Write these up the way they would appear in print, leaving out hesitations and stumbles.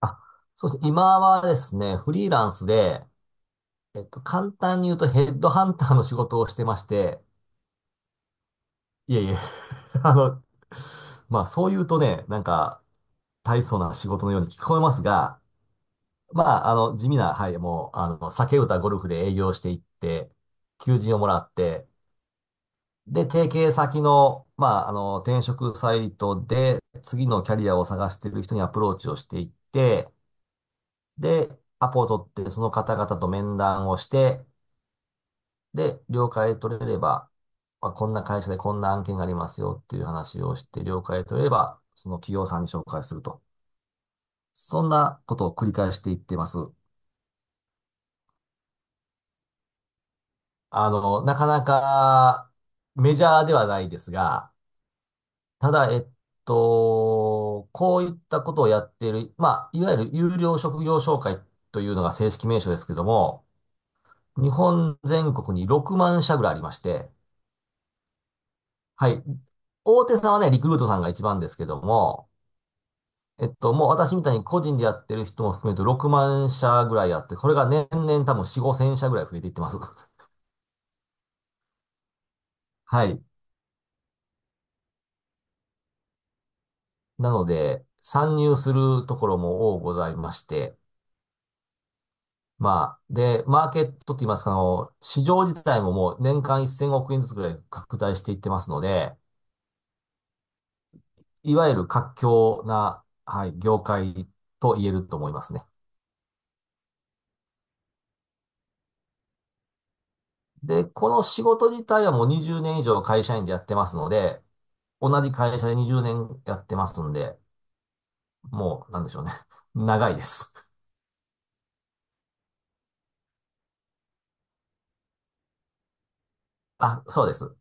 あ、そうですね。今はですね、フリーランスで、簡単に言うとヘッドハンターの仕事をしてまして、いえいえ。あの、まあそう言うとね、なんか大層な仕事のように聞こえますが、まあ地味な、はい、もう、酒歌ゴルフで営業していって、求人をもらって、で、提携先の、まあ転職サイトで次のキャリアを探している人にアプローチをしていって、で、アポを取って、その方々と面談をして、で、了解取れれば、まあ、こんな会社でこんな案件がありますよっていう話をして、了解取れれば、その企業さんに紹介すると。そんなことを繰り返していってます。あの、なかなかメジャーではないですが、ただ、こういったことをやっている、まあ、いわゆる有料職業紹介というのが正式名称ですけども、日本全国に6万社ぐらいありまして、はい。大手さんはね、リクルートさんが一番ですけども、もう私みたいに個人でやってる人も含めると6万社ぐらいあって、これが年々多分4、50社ぐらい増えていってます。はい。なので、参入するところも多ございまして、まあ、で、マーケットって言いますか、市場自体ももう年間1000億円ずつぐらい拡大していってますので、いわゆる活況な、はい、業界と言えると思いますね。で、この仕事自体はもう20年以上会社員でやってますので、同じ会社で20年やってますんで、もう、なんでしょうね。長いです。あ、そうです。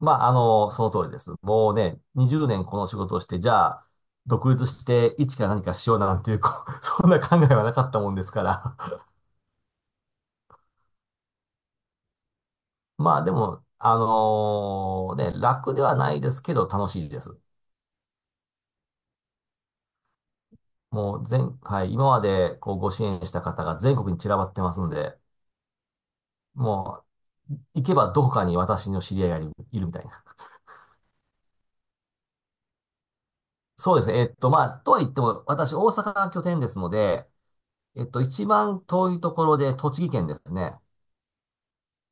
まあ、その通りです。もうね、20年この仕事をして、じゃあ、独立して一から何かしようなんていう、こう そんな考えはなかったもんですから。まあ、でも、楽ではないですけど、楽しいです。もう前回、今までこうご支援した方が全国に散らばってますんで、もう、行けばどこかに私の知り合いがいるみたいな。そうですね。まあ、とは言っても、私、大阪が拠点ですので、一番遠いところで栃木県ですね。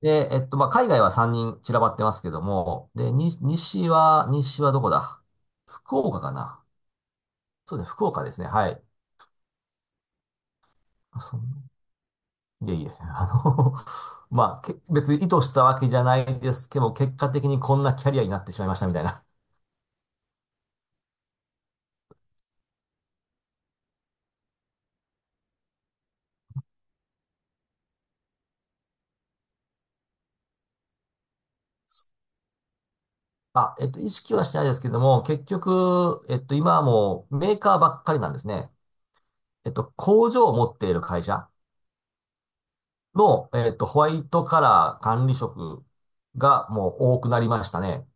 で、まあ、海外は3人散らばってますけども、で、に西は、西はどこだ。福岡かな。そうですね、福岡ですね。はい。あそんいえいえ。まあ、け別に意図したわけじゃないですけど、結果的にこんなキャリアになってしまいましたみたいな。あ、意識はしてないですけども、結局、今はもうメーカーばっかりなんですね。工場を持っている会社の、ホワイトカラー管理職がもう多くなりましたね。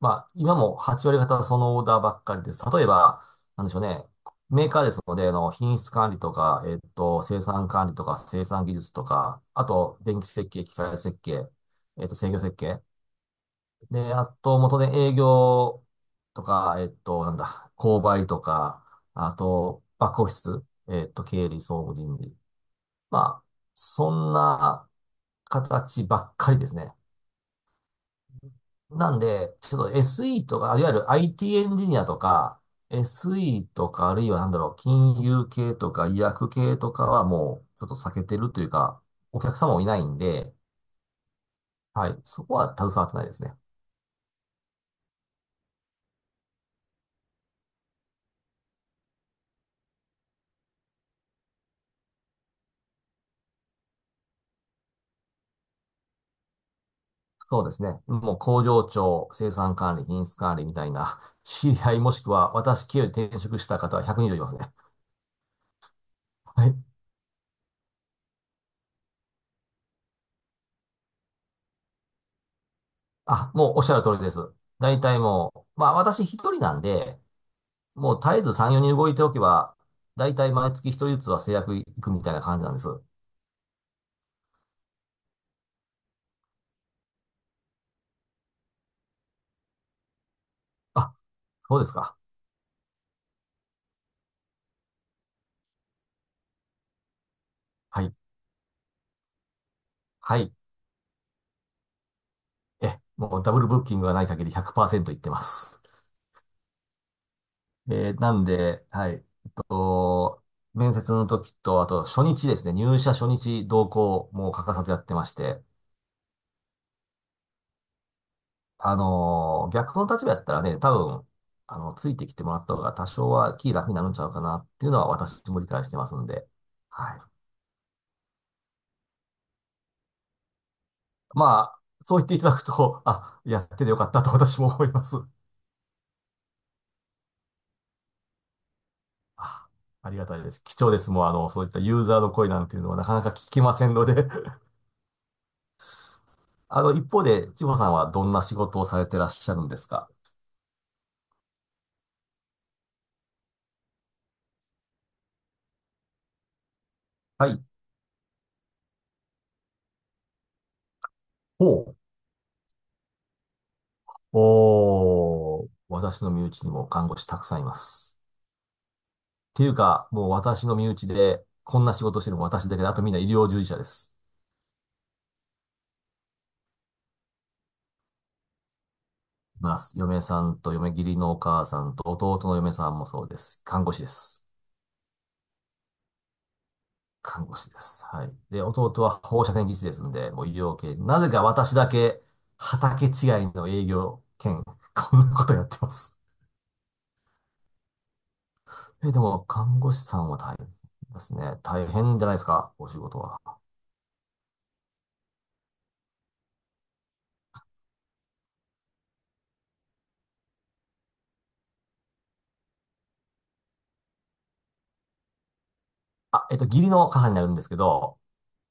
まあ、今も8割方そのオーダーばっかりです。例えば、なんでしょうね。メーカーですので、品質管理とか、生産管理とか、生産技術とか、あと、電気設計、機械設計、制御設計。で、あと、元で営業とか、えっと、なんだ、購買とか、あと、バックオフィス、経理、総務、人事。まあ、そんな形ばっかりですね。なんで、ちょっと SE とか、いわゆる IT エンジニアとか、SE とか、あるいはなんだろう、金融系とか、医薬系とかはもう、ちょっと避けてるというか、お客様もいないんで、はい、そこは携わってないですね。そうですね。もう工場長、生産管理、品質管理みたいな、知り合いもしくは私経由で転職した方は120いますね。はい。あ、もうおっしゃる通りです。大体もう、まあ私一人なんで、もう絶えず産業にん動いておけば、大体毎月一人ずつは制約いくみたいな感じなんです。あ、そうですか。はい。はい。もうダブルブッキングがない限り100%いってます。なんで、はい。面接の時と、あと初日ですね、入社初日同行も欠かさずやってまして、逆の立場やったらね、多分、ついてきてもらった方が多少は気楽になるんちゃうかなっていうのは私も理解してますんで、はい。まあ、そう言っていただくと、あ、やっててよかったと私も思います。あ、ありがたいです。貴重です。もう、そういったユーザーの声なんていうのはなかなか聞けませんので 一方で、千穂さんはどんな仕事をされてらっしゃるんですか？はい。ほう。おー、私の身内にも看護師たくさんいます。っていうか、もう私の身内で、こんな仕事してるの私だけで、あとみんな医療従事者です。います。嫁さんと嫁義理のお母さんと弟の嫁さんもそうです。看護師です。看護師です。はい。で、弟は放射線技師ですんで、もう医療系。なぜか私だけ、畑違いの営業兼、こんなことやってます。でも、看護師さんは大変ですね。大変じゃないですか、お仕事は？あ、義理の母になるんですけど、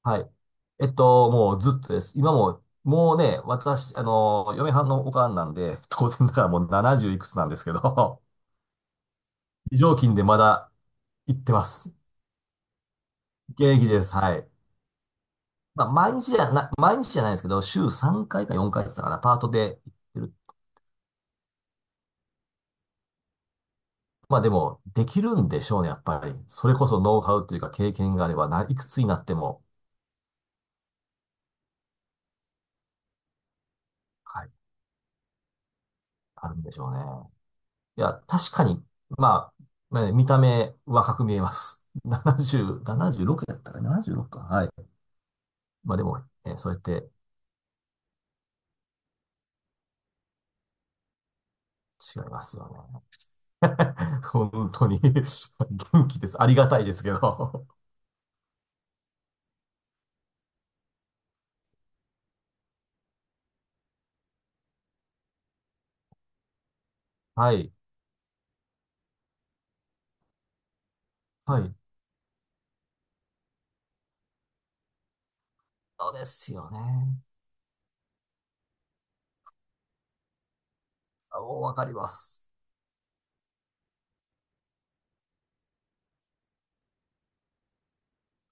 はい。もうずっとです。今も、もうね、私、嫁はんのおかんなんで、当然だからもう70いくつなんですけど、非常勤でまだ行ってます。現役です。はい。まあ、毎日じゃないですけど、週3回か4回って言ってたかな、パートで行ってる。まあでも、できるんでしょうね、やっぱり。それこそノウハウというか経験があれば、ないくつになっても、はい、あるんでしょうね。いや、確かに、まあ、ね見た目若く見えます。70、76やったかな？ 76 か。はい。まあでも、そうやって違いますよね。本当に 元気です。ありがたいですけど。はい。はい。そうですよね。あ、もうわかります。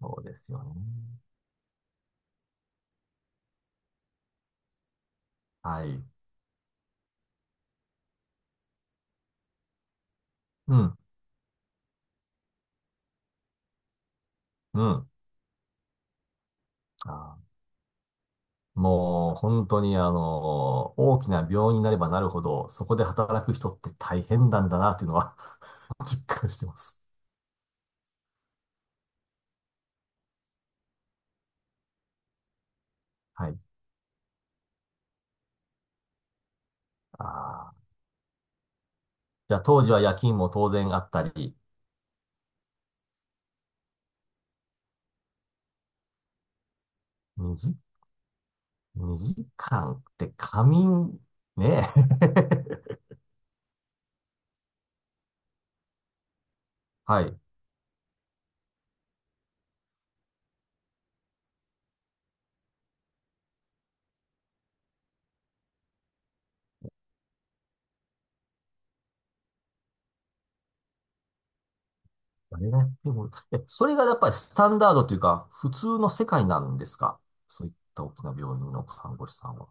そうですよね。はい。うん。うん。あーもう本当に大きな病院になればなるほど、そこで働く人って大変なんだなっていうのは 実感してます。はい。あーじゃあ当時は夜勤も当然あったり、2時、2時間って仮眠、ねえ。はい。あれがやっても、え、それがやっぱりスタンダードというか、普通の世界なんですか？そういった大きな病院の看護師さんは。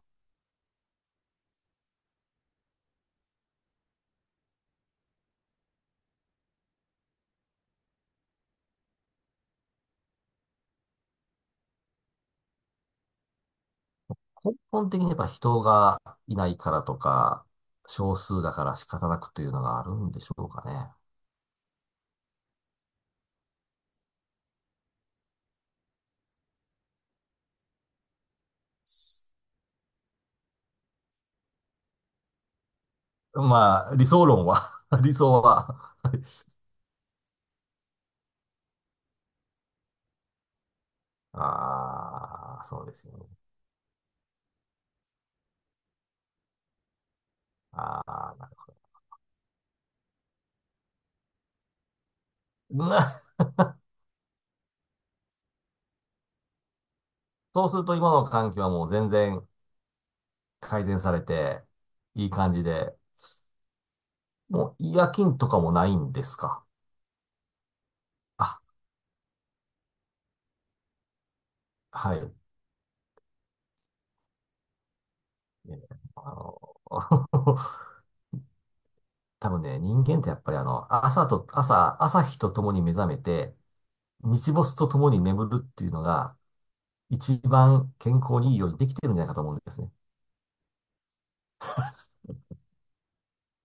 根本的にやっぱ人がいないからとか、少数だから仕方なくというのがあるんでしょうかね。まあ、理想論は 理想は ああ、そうですよね。ああ、なるほど。なそうすると今の環境はもう全然改善されて、いい感じで、もう夜勤とかもないんですか？あ、はい。えーあの 多分ね、人間ってやっぱり朝日と共に目覚めて、日没とともに眠るっていうのが、一番健康にいいようにできてるんじゃないかと思うんですね。